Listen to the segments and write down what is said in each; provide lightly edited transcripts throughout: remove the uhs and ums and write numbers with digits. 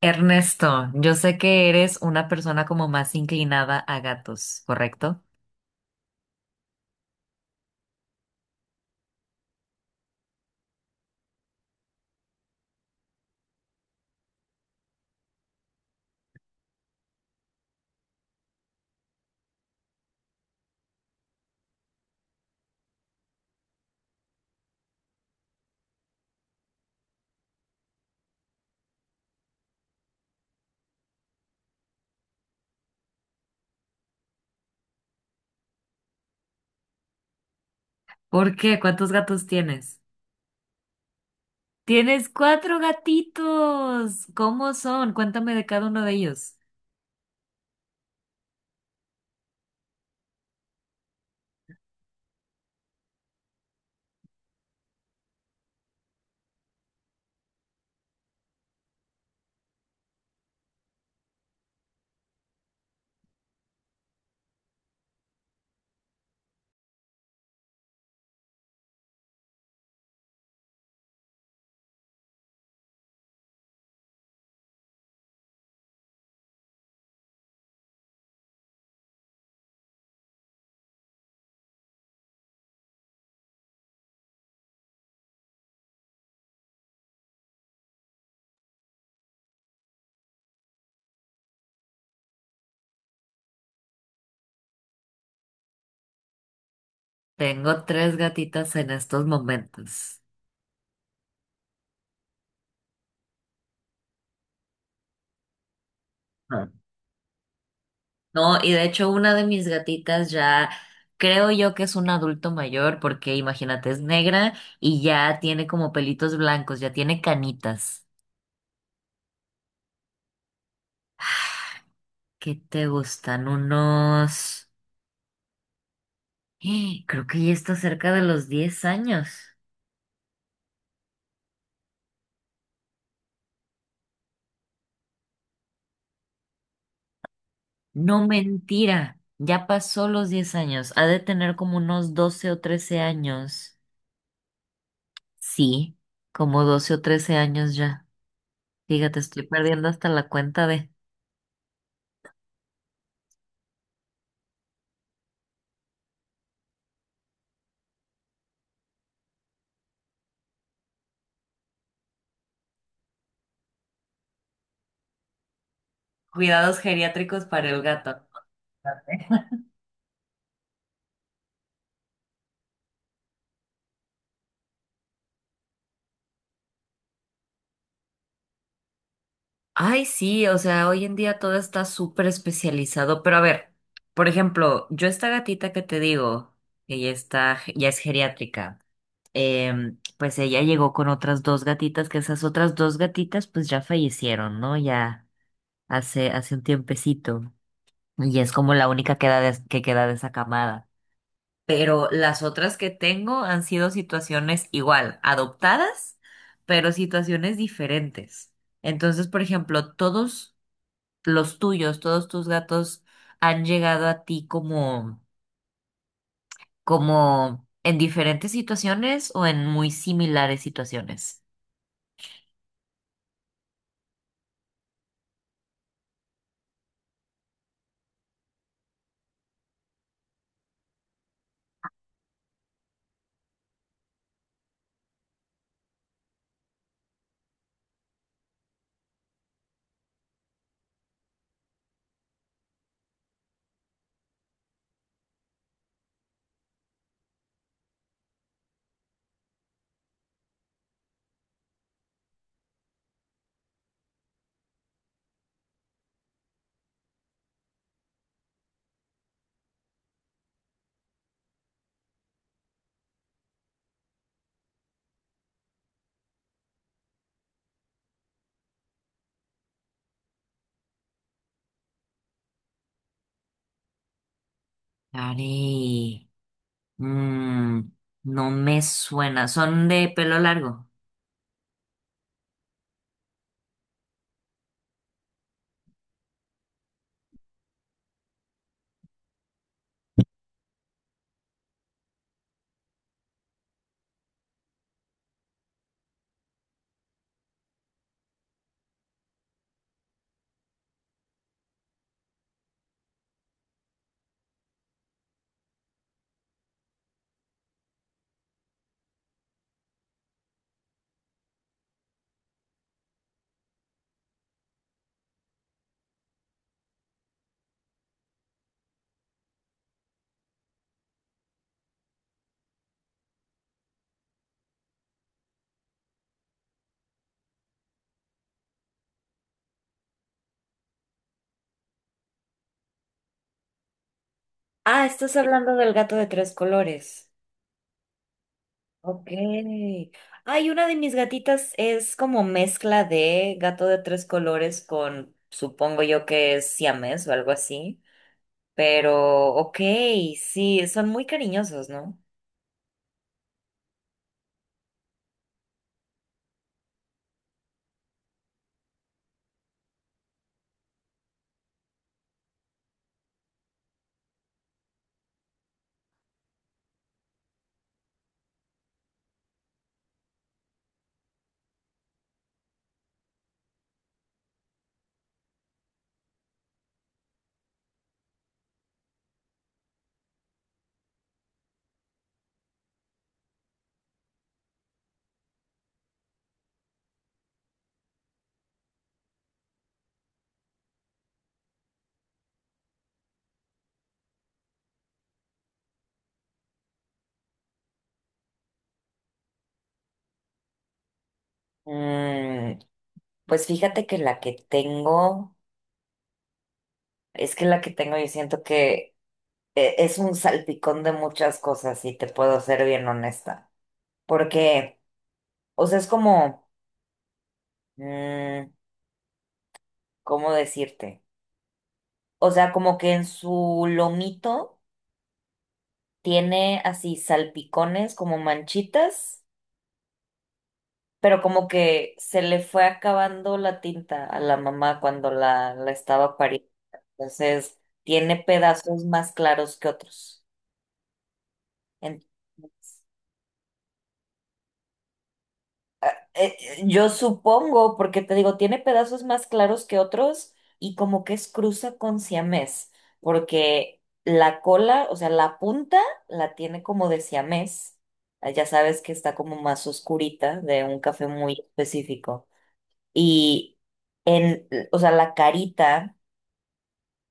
Ernesto, yo sé que eres una persona como más inclinada a gatos, ¿correcto? ¿Por qué? ¿Cuántos gatos tienes? Tienes cuatro gatitos. ¿Cómo son? Cuéntame de cada uno de ellos. Tengo tres gatitas en estos momentos. Ah. No, y de hecho una de mis gatitas ya creo yo que es un adulto mayor porque imagínate, es negra y ya tiene como pelitos blancos, ya tiene canitas. ¿Qué te gustan? Unos... Creo que ya está cerca de los 10 años. No mentira, ya pasó los 10 años. Ha de tener como unos 12 o 13 años. Sí, como 12 o 13 años ya. Fíjate, estoy perdiendo hasta la cuenta de cuidados geriátricos para el gato. Ay, sí, o sea, hoy en día todo está súper especializado, pero a ver, por ejemplo, yo esta gatita que te digo, que ya está, ya es geriátrica. Pues ella llegó con otras dos gatitas, que esas otras dos gatitas pues ya fallecieron, ¿no? Ya hace un tiempecito. Y es como la única que, que queda de esa camada. Pero las otras que tengo han sido situaciones igual, adoptadas, pero situaciones diferentes. Entonces, por ejemplo, todos los tuyos, todos tus gatos han llegado a ti como, como en diferentes situaciones o en muy similares situaciones. Ari, mm, no me suena. ¿Son de pelo largo? Ah, estás hablando del gato de tres colores. Ok. Ay, una de mis gatitas es como mezcla de gato de tres colores con, supongo yo que es siamés o algo así. Pero, ok, sí, son muy cariñosos, ¿no? Mm, pues fíjate que la que tengo, es que la que tengo yo siento que es un salpicón de muchas cosas, si te puedo ser bien honesta. Porque, o sea, es como, mm, ¿cómo decirte? O sea, como que en su lomito tiene así salpicones como manchitas, pero como que se le fue acabando la tinta a la mamá cuando la estaba pariendo. Entonces, tiene pedazos más claros que otros. Entonces, Eh, yo supongo, porque te digo, tiene pedazos más claros que otros y como que es cruza con siamés, porque la cola, o sea, la punta la tiene como de siamés. Ah, ya sabes que está como más oscurita de un café muy específico. Y en, o sea, la carita,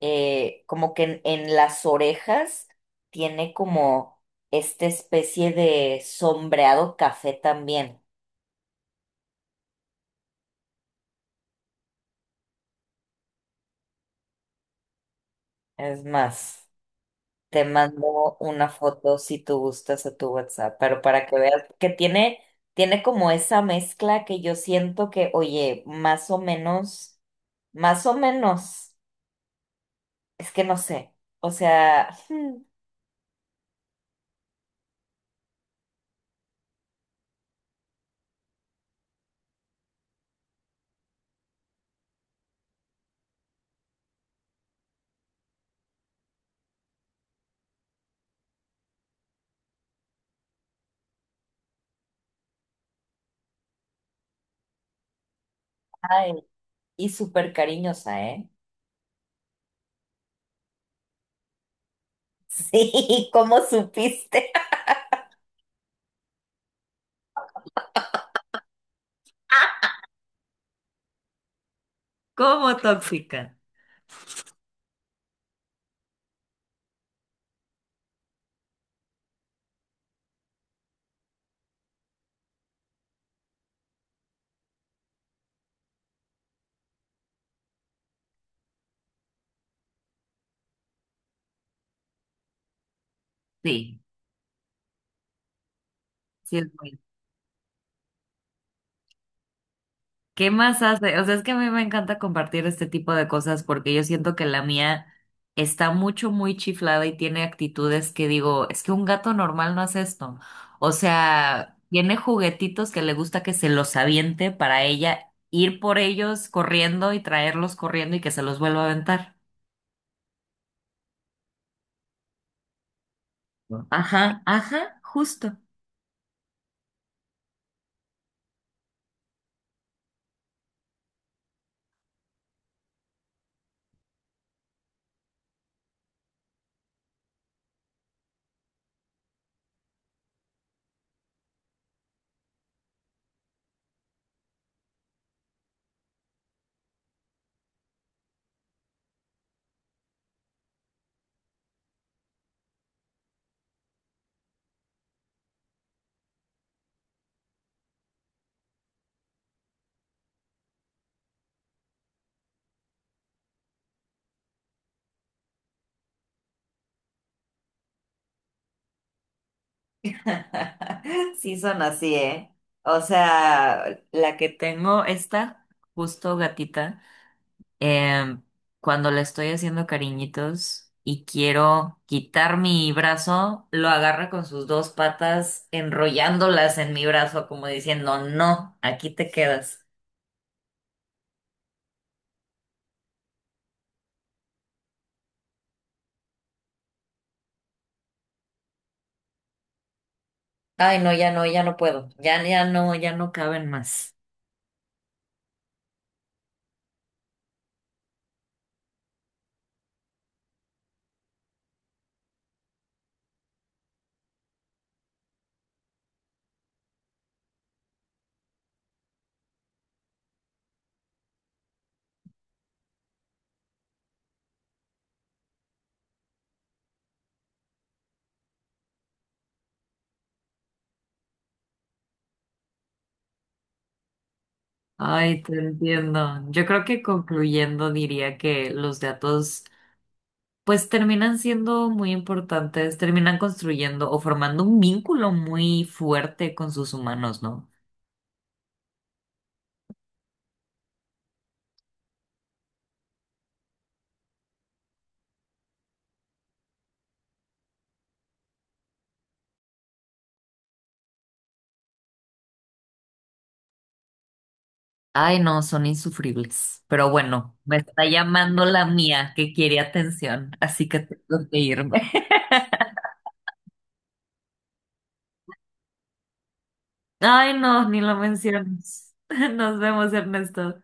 como que en las orejas tiene como esta especie de sombreado café también. Es más. Te mando una foto si tú gustas a tu WhatsApp, pero para que veas que tiene, tiene como esa mezcla que yo siento que, oye, más o menos, es que no sé, o sea, ay, y súper cariñosa, ¿eh? Sí, ¿cómo supiste? ¿Como tóxica? Sí, sí es muy ¿qué más hace? O sea, es que a mí me encanta compartir este tipo de cosas porque yo siento que la mía está mucho, muy chiflada y tiene actitudes que digo, es que un gato normal no hace esto. O sea, tiene juguetitos que le gusta que se los aviente para ella ir por ellos corriendo y traerlos corriendo y que se los vuelva a aventar. ¿No? Ajá, ajá, justo. Sí son así, ¿eh? O sea, la que tengo, esta justo gatita. em, Cuando le estoy haciendo cariñitos y quiero quitar mi brazo, lo agarra con sus dos patas, enrollándolas en mi brazo, como diciendo, no, aquí te quedas. Ay, no, ya no, ya no puedo. Ya, ya no, ya no caben más. Ay, te entiendo. Yo creo que concluyendo diría que los gatos, pues terminan siendo muy importantes, terminan construyendo o formando un vínculo muy fuerte con sus humanos, ¿no? Ay, no, son insufribles. Pero bueno, me está llamando la mía que quiere atención, así que tengo que irme. Ay, no, ni lo menciones. Nos vemos, Ernesto.